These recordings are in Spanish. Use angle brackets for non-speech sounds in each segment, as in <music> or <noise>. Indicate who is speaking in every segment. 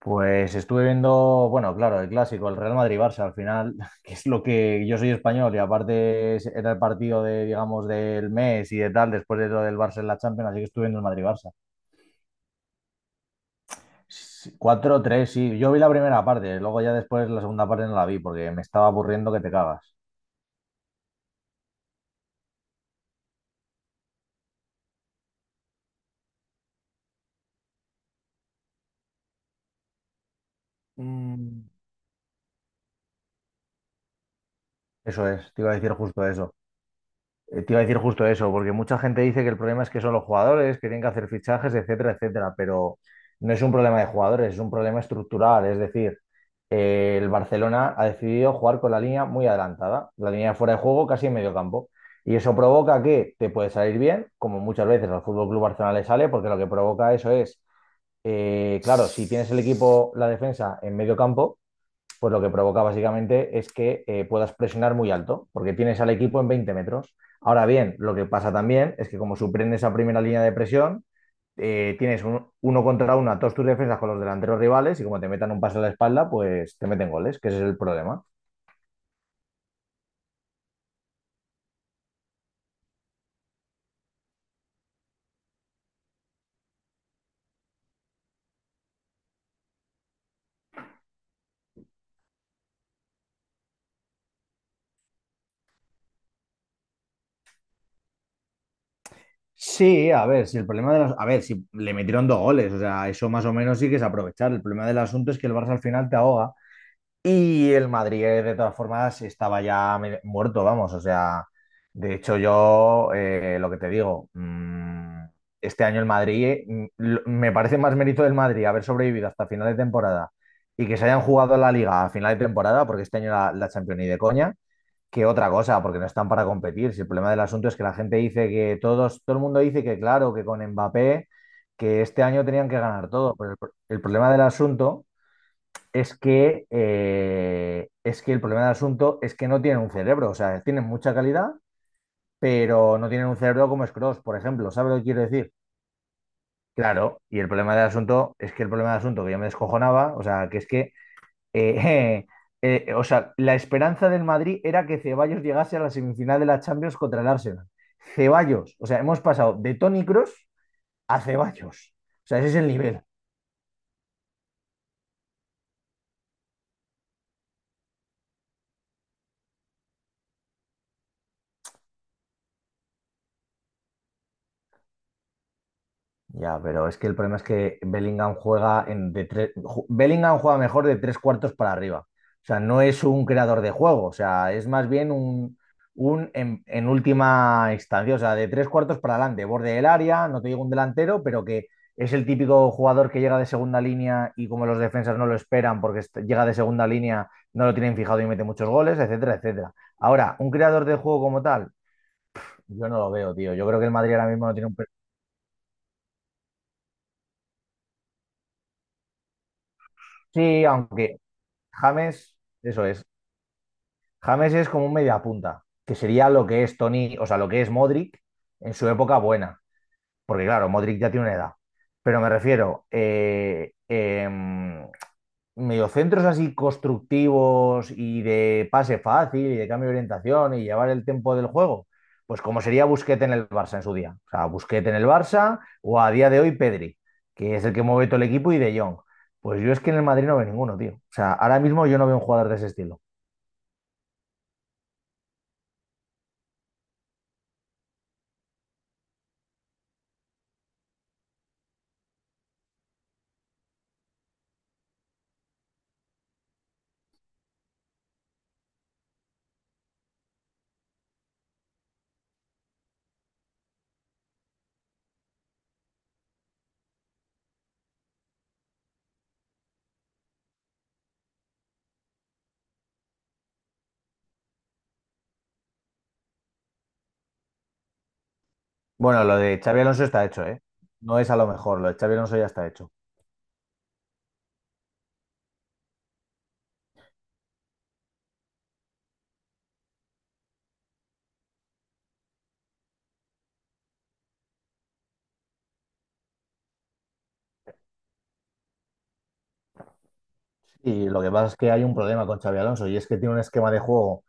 Speaker 1: Pues estuve viendo, bueno, claro, el clásico, el Real Madrid-Barça al final, <laughs> que es lo que yo soy español y aparte era el partido de, digamos, del mes y de tal, después de lo del Barça en la Champions, así que estuve viendo el Madrid-Barça. Sí, 4-3, sí, yo vi la primera parte, luego ya después la segunda parte no la vi porque me estaba aburriendo que te cagas. Mm. Eso es, te iba a decir justo eso. Te iba a decir justo eso, porque mucha gente dice que el problema es que son los jugadores, que tienen que hacer fichajes, etcétera, etcétera, pero no es un problema de jugadores, es un problema estructural. Es decir, el Barcelona ha decidido jugar con la línea muy adelantada, la línea fuera de juego casi en medio campo. Y eso provoca que te puede salir bien, como muchas veces al Fútbol Club Barcelona le sale, porque lo que provoca eso es, claro, si tienes el equipo, la defensa en medio campo, pues lo que provoca básicamente es que puedas presionar muy alto, porque tienes al equipo en 20 metros. Ahora bien, lo que pasa también es que como superen esa primera línea de presión, tienes uno contra uno a todos tus defensas con los delanteros rivales y como te metan un pase a la espalda, pues te meten goles, que ese es el problema. Sí, a ver, si el problema de los... A ver, si le metieron dos goles, o sea, eso más o menos sí que es aprovechar. El problema del asunto es que el Barça al final te ahoga. Y el Madrid, de todas formas, estaba ya muerto, vamos. O sea, de hecho, yo lo que te digo, este año el Madrid, me parece más mérito del Madrid haber sobrevivido hasta final de temporada y que se hayan jugado la Liga a final de temporada, porque este año la Champions ni de coña, que otra cosa, porque no están para competir. Si el problema del asunto es que la gente dice que todos, todo el mundo dice que, claro, que con Mbappé, que este año tenían que ganar todo. Pero el problema del asunto es que, el problema del asunto es que no tienen un cerebro, o sea, tienen mucha calidad, pero no tienen un cerebro como Scrooge, por ejemplo, ¿sabes lo que quiero decir? Claro, y el problema del asunto es que el problema del asunto que yo me descojonaba, o sea, que es que, eh, <laughs> o sea, la esperanza del Madrid era que Ceballos llegase a la semifinal de la Champions contra el Arsenal. Ceballos, o sea, hemos pasado de Tony Cross a Ceballos, o sea, ese es el nivel. Ya, pero es que el problema es que Bellingham juega en de tres, Bellingham juega mejor de tres cuartos para arriba. O sea, no es un creador de juego, o sea, es más bien en última instancia, o sea, de tres cuartos para adelante, borde del área, no te digo un delantero, pero que es el típico jugador que llega de segunda línea y como los defensas no lo esperan porque llega de segunda línea, no lo tienen fijado y mete muchos goles, etcétera, etcétera. Ahora, un creador de juego como tal, yo no lo veo, tío. Yo creo que el Madrid ahora mismo no tiene Sí, aunque James, eso es. James es como un mediapunta, que sería lo que es Tony, o sea, lo que es Modric en su época buena. Porque claro, Modric ya tiene una edad. Pero me refiero, mediocentros así constructivos y de pase fácil y de cambio de orientación y llevar el tiempo del juego. Pues como sería Busquets en el Barça en su día. O sea, Busquets en el Barça o a día de hoy Pedri, que es el que mueve todo el equipo y De Jong. Pues yo es que en el Madrid no veo ninguno, tío. O sea, ahora mismo yo no veo un jugador de ese estilo. Bueno, lo de Xavi Alonso está hecho, ¿eh? No es a lo mejor, lo de Xavi Alonso ya está hecho. Y lo que pasa es que hay un problema con Xavi Alonso y es que tiene un esquema de juego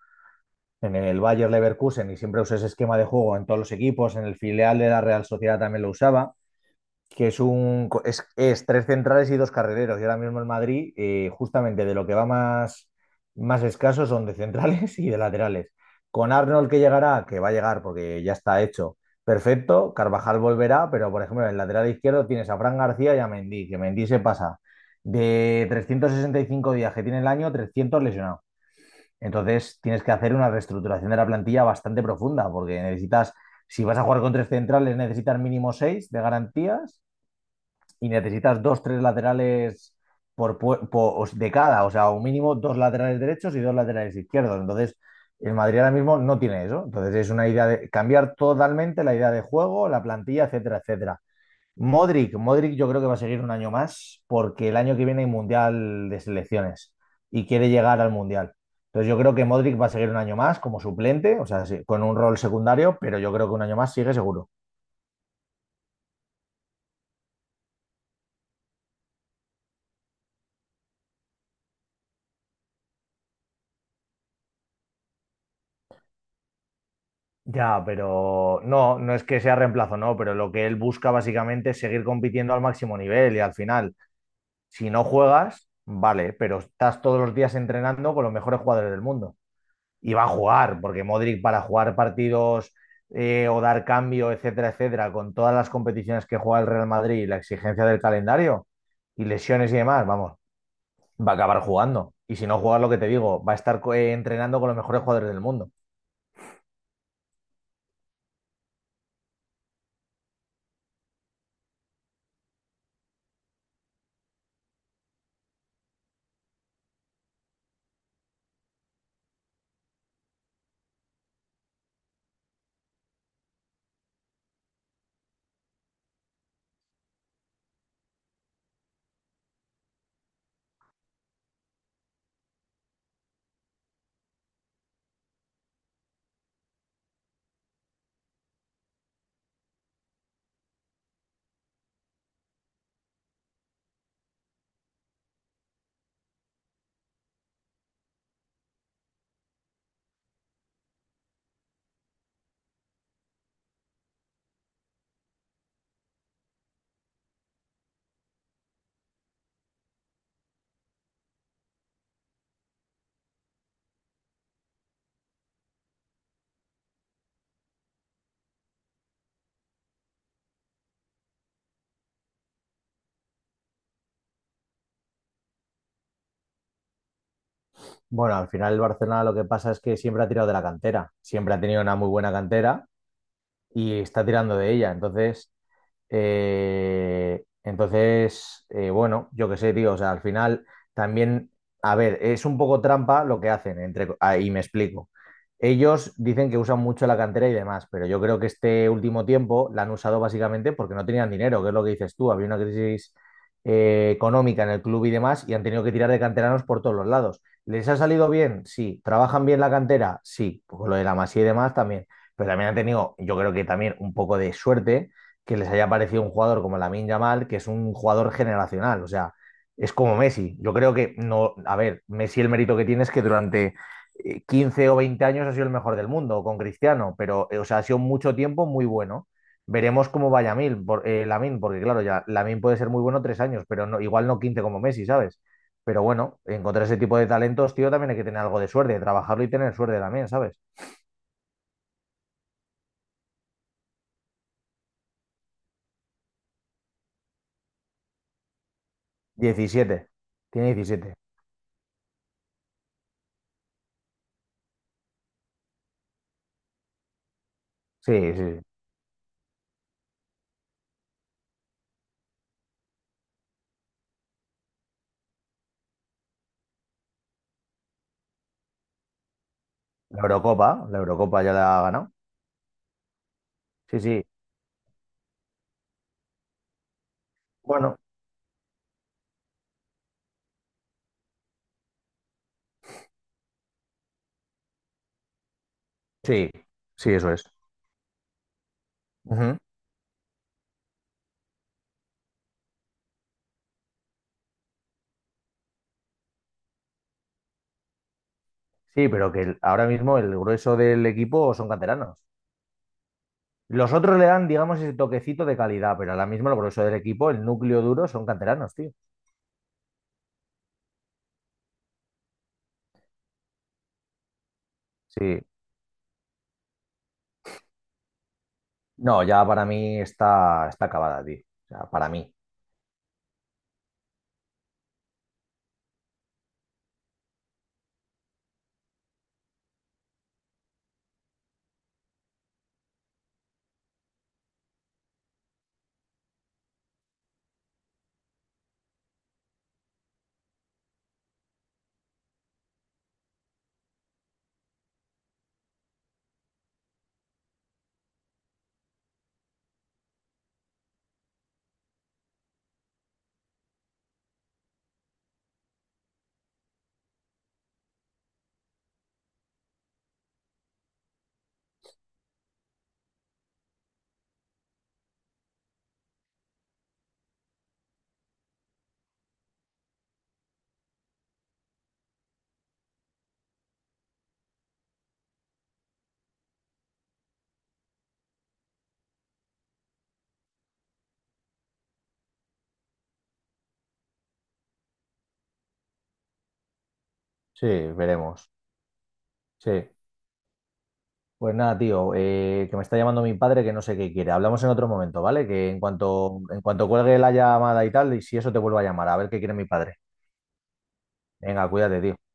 Speaker 1: en el Bayer Leverkusen y siempre usa ese esquema de juego en todos los equipos, en el filial de la Real Sociedad también lo usaba. Que es un es tres centrales y dos carrileros. Y ahora mismo en Madrid, justamente de lo que va más escaso son de centrales y de laterales. Con Arnold que llegará, que va a llegar porque ya está hecho, perfecto. Carvajal volverá, pero por ejemplo en el lateral izquierdo tienes a Fran García y a Mendy, que Mendy se pasa de 365 días que tiene el año, 300 lesionado. Entonces tienes que hacer una reestructuración de la plantilla bastante profunda, porque necesitas, si vas a jugar con tres centrales, necesitas mínimo seis de garantías y necesitas dos, tres laterales de cada, o sea, un mínimo dos laterales derechos y dos laterales izquierdos. Entonces, el Madrid ahora mismo no tiene eso. Entonces, es una idea de cambiar totalmente la idea de juego, la plantilla, etcétera, etcétera. Modric, Modric yo creo que va a seguir un año más porque el año que viene hay Mundial de Selecciones y quiere llegar al Mundial. Entonces yo creo que Modric va a seguir un año más como suplente, o sea, sí, con un rol secundario, pero yo creo que un año más sigue seguro. Ya, pero no, no es que sea reemplazo, no, pero lo que él busca básicamente es seguir compitiendo al máximo nivel y al final, si no juegas, vale, pero estás todos los días entrenando con los mejores jugadores del mundo. Y va a jugar, porque Modric para jugar partidos o dar cambio, etcétera, etcétera, con todas las competiciones que juega el Real Madrid y la exigencia del calendario y lesiones y demás, vamos, va a acabar jugando. Y si no juegas, lo que te digo, va a estar entrenando con los mejores jugadores del mundo. Bueno, al final el Barcelona lo que pasa es que siempre ha tirado de la cantera, siempre ha tenido una muy buena cantera y está tirando de ella. Bueno, yo qué sé, tío, o sea, al final también, a ver, es un poco trampa lo que hacen, y me explico. Ellos dicen que usan mucho la cantera y demás, pero yo creo que este último tiempo la han usado básicamente porque no tenían dinero, que es lo que dices tú, había una crisis económica en el club y demás, y han tenido que tirar de canteranos por todos los lados. ¿Les ha salido bien? Sí. ¿Trabajan bien la cantera? Sí. Con lo de la Masía y demás también. Pero también han tenido, yo creo que también un poco de suerte que les haya parecido un jugador como Lamine Yamal, que es un jugador generacional, o sea, es como Messi. Yo creo que no, a ver, Messi el mérito que tiene es que durante 15 o 20 años ha sido el mejor del mundo con Cristiano, pero o sea, ha sido mucho tiempo muy bueno. Veremos cómo vaya Lamine, porque claro, ya Lamine puede ser muy bueno 3 años, pero no, igual no 15 como Messi, ¿sabes? Pero bueno, encontrar ese tipo de talentos, tío, también hay que tener algo de suerte, trabajarlo y tener suerte también, ¿sabes? Diecisiete. Tiene 17. Sí, sí. Sí. La Eurocopa ya la ha ganado. Sí, sí. Bueno, sí, sí, eso es. Ujú. Sí, pero que ahora mismo el grueso del equipo son canteranos. Los otros le dan, digamos, ese toquecito de calidad, pero ahora mismo el grueso del equipo, el núcleo duro, son canteranos, tío. Sí. No, ya para mí está acabada, tío. O sea, para mí. Sí, veremos. Sí. Pues nada, tío, que me está llamando mi padre que no sé qué quiere. Hablamos en otro momento, ¿vale? Que en cuanto cuelgue la llamada y tal, y si eso te vuelvo a llamar, a ver qué quiere mi padre. Venga, cuídate, tío.